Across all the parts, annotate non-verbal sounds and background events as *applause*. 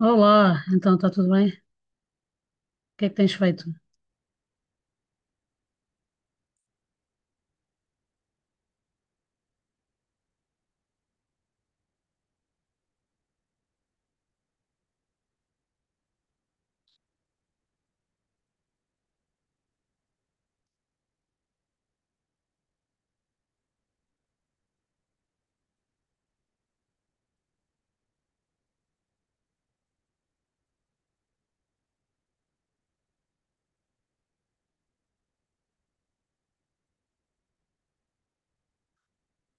Olá, então está tudo bem? O que é que tens feito?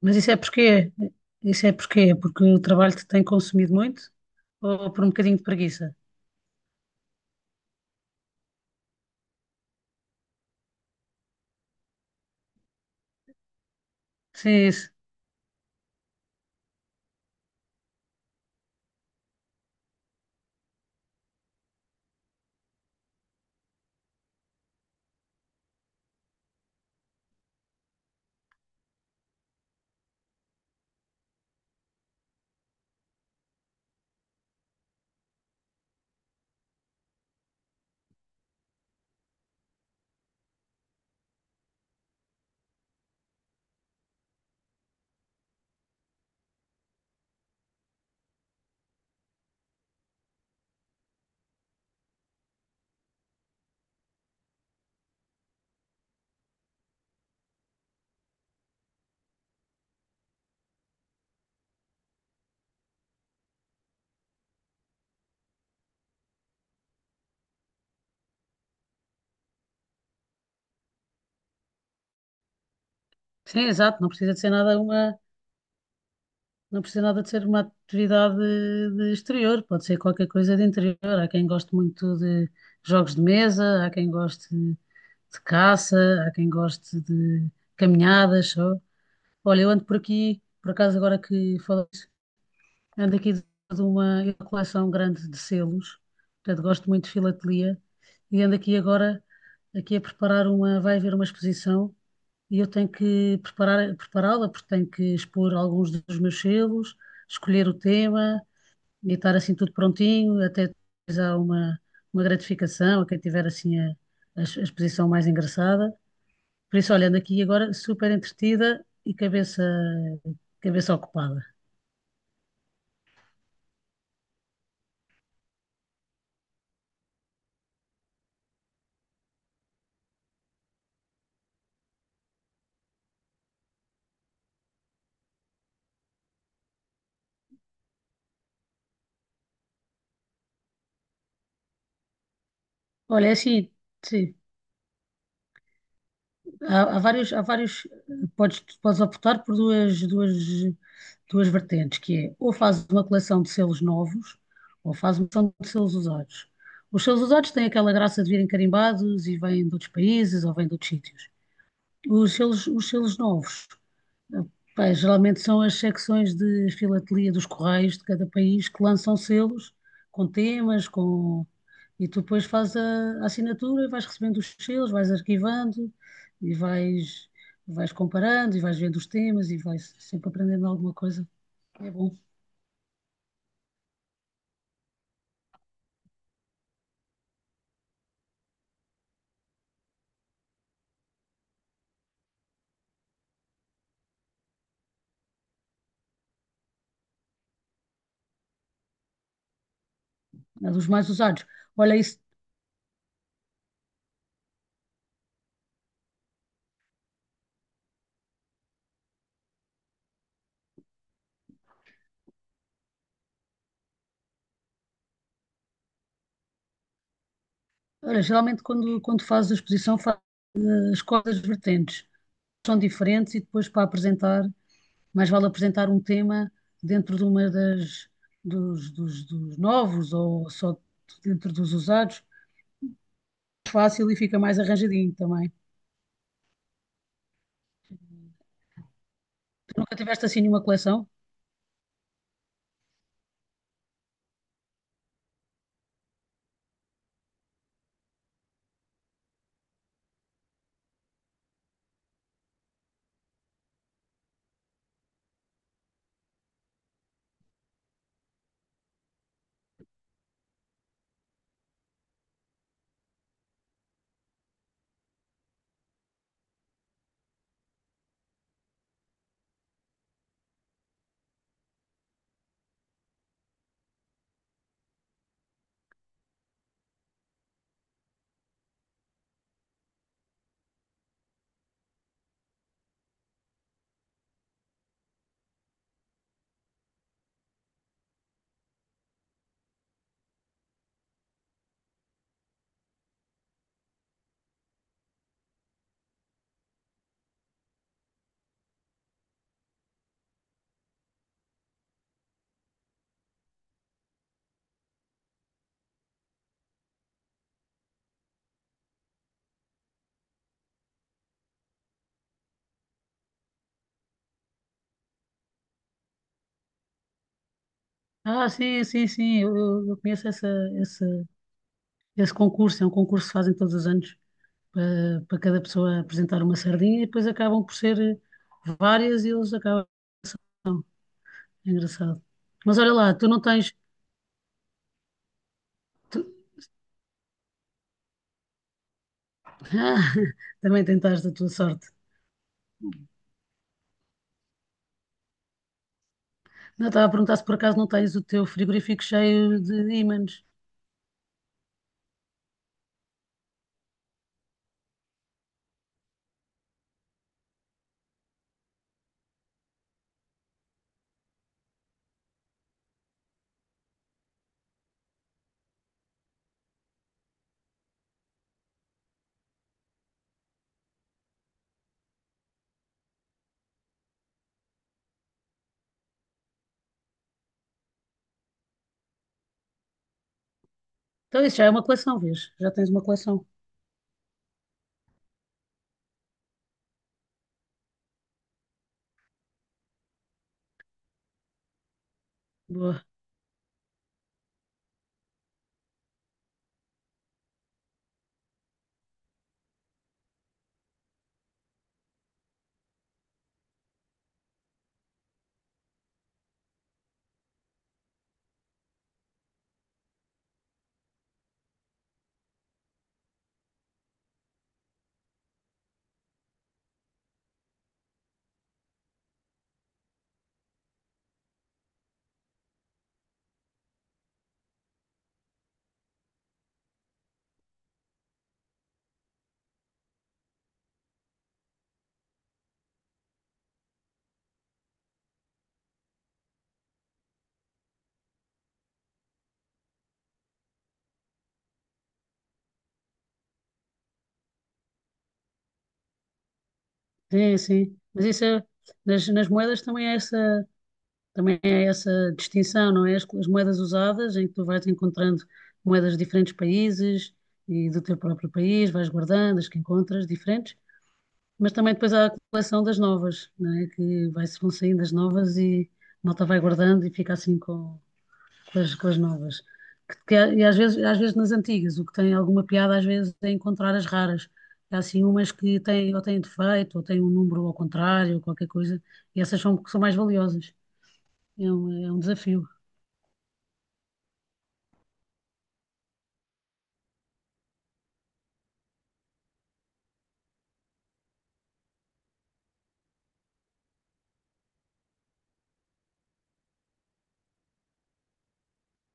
Mas isso é porquê? Isso é porquê? Porque o trabalho te tem consumido muito ou por um bocadinho de preguiça? Sim, isso. Sim, exato, não precisa de ser nada uma, não precisa nada de ser uma atividade de exterior, pode ser qualquer coisa de interior. Há quem goste muito de jogos de mesa, há quem goste de caça, há quem goste de caminhadas só. Olha, eu ando por aqui, por acaso agora que falo. Ando aqui de uma coleção grande de selos, portanto gosto muito de filatelia e ando aqui agora aqui a preparar uma, vai haver uma exposição e eu tenho que preparar, prepará-la porque tenho que expor alguns dos meus selos, escolher o tema e estar assim tudo prontinho, até depois há uma gratificação a quem tiver assim a, a exposição mais engraçada. Por isso, olha, ando aqui agora super entretida e cabeça, cabeça ocupada. Olha, é assim, sim. Há vários, há vários, podes, podes optar por duas, duas, duas vertentes, que é ou fazes uma coleção de selos novos, ou fazes uma coleção de selos usados. Os selos usados têm aquela graça de virem carimbados e vêm de outros países ou vêm de outros sítios. Os selos novos, eh, pá, geralmente são as secções de filatelia dos correios de cada país que lançam selos com temas, com... e tu depois fazes a assinatura e vais recebendo os selos, vais arquivando e vais, vais comparando e vais vendo os temas e vais sempre aprendendo alguma coisa. É bom, é dos mais usados. Olha, isso, olha, geralmente quando, quando fazes a exposição fazes as coisas vertentes, são diferentes e depois para apresentar mais vale apresentar um tema dentro de uma das, dos, dos, dos novos ou só dentro dos usados. Fácil e fica mais arranjadinho também. Tu nunca tiveste assim nenhuma coleção? Ah, sim, sim, sim, eu, eu conheço essa, esse, esse concurso, é um concurso que fazem todos os anos para, para cada pessoa apresentar uma sardinha e depois acabam por ser várias e eles acabam. É engraçado. Mas olha lá, tu não tens. Tu- *laughs* Ah, também tentaste a tua sorte. Não, estava a perguntar se por acaso não tens o teu frigorífico cheio de ímãs. Então isso já é uma coleção, vês? Já tens uma coleção. Boa. Sim, sim. Mas isso é, nas, nas moedas também é essa distinção, não é? As moedas usadas em que tu vais encontrando moedas de diferentes países e do teu próprio país, vais guardando as que encontras diferentes, mas também depois há a coleção das novas, não é? Que vai, vão saindo as novas e a malta vai guardando e fica assim com as novas. E às vezes nas antigas, o que tem alguma piada, às vezes, é encontrar as raras. Há assim umas que têm, ou têm defeito, ou têm um número ao contrário, ou qualquer coisa, e essas são, são mais valiosas. É um desafio.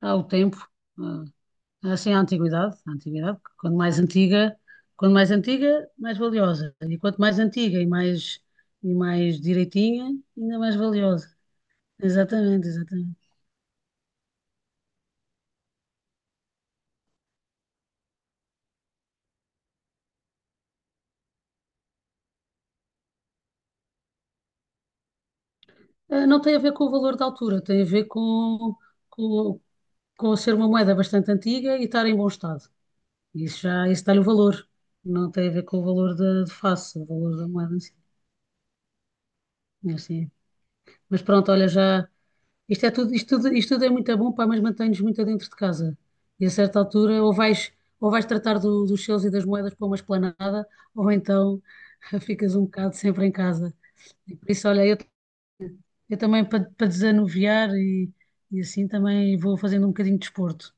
Há o tempo, há, assim, a antiguidade, quanto mais antiga, mais valiosa. E quanto mais antiga e mais direitinha, ainda mais valiosa. Exatamente, exatamente. Não tem a ver com o valor da altura, tem a ver com, com ser uma moeda bastante antiga e estar em bom estado. Isso já, isso dá-lhe o valor. Não tem a ver com o valor da de face, o valor da moeda em si. É assim. Mas pronto, olha, já. Isto é tudo, isto tudo, isto tudo é muito bom, pá, mas mantém-nos muito dentro de casa. E a certa altura, ou vais tratar dos seus e das moedas para uma esplanada, ou então *laughs* ficas um bocado sempre em casa. E por isso, olha, eu também para, para desanuviar e assim também vou fazendo um bocadinho de desporto.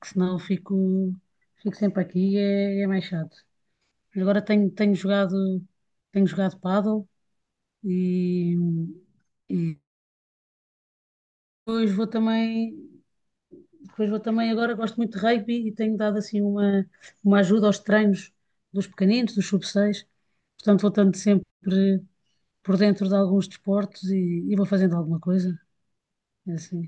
Que senão eu fico, fico sempre aqui e é, é mais chato. Agora tenho, tenho jogado pádel e, e depois vou também, depois vou também agora gosto muito de rugby e tenho dado assim uma ajuda aos treinos dos pequeninos, dos sub seis, portanto vou estando sempre por dentro de alguns desportos e vou fazendo alguma coisa, é assim.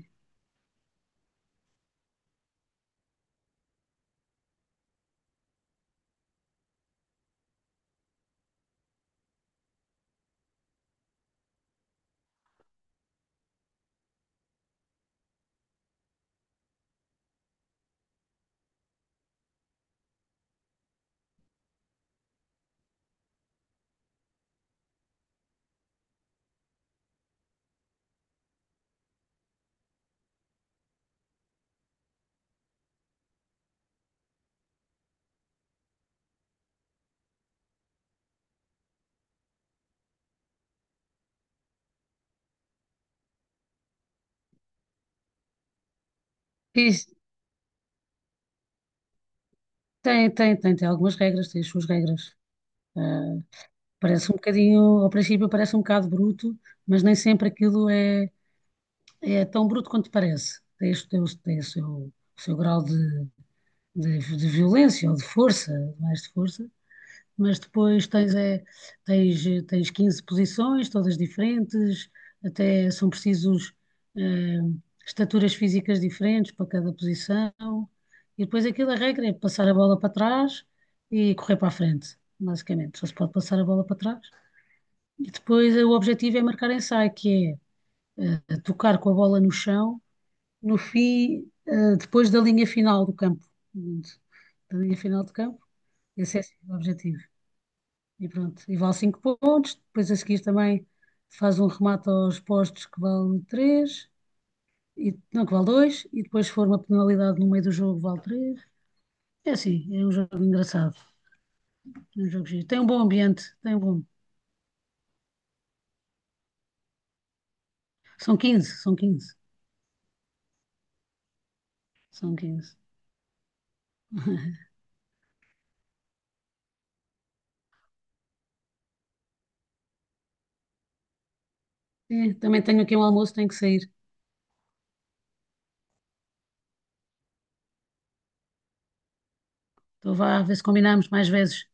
E tem, tem, tem, tem algumas regras, tem as suas regras. Ah, parece um bocadinho, ao princípio parece um bocado bruto, mas nem sempre aquilo é, é tão bruto quanto parece. Tem, tem, tem o seu grau de violência ou de força, mais de força, mas depois tens, é, tens, tens 15 posições, todas diferentes, até são precisos eh, estaturas físicas diferentes para cada posição, e depois aquilo a regra é passar a bola para trás e correr para a frente, basicamente. Só se pode passar a bola para trás. E depois o objetivo é marcar ensaio, que é tocar com a bola no chão, no fim, depois da linha final do campo. Portanto, da linha final do campo, esse é assim o objetivo. E pronto, e vale 5 pontos, depois a seguir também faz um remate aos postos que vale 3 e, não, que vale 2 e depois se for uma penalidade no meio do jogo vale 3. É assim, é um jogo engraçado, é um jogo giro. Tem um bom ambiente, tem um bom... São 15, são 15, são 15. É, também tenho aqui um almoço, tenho que sair. Então vá, a ver se combinamos mais vezes.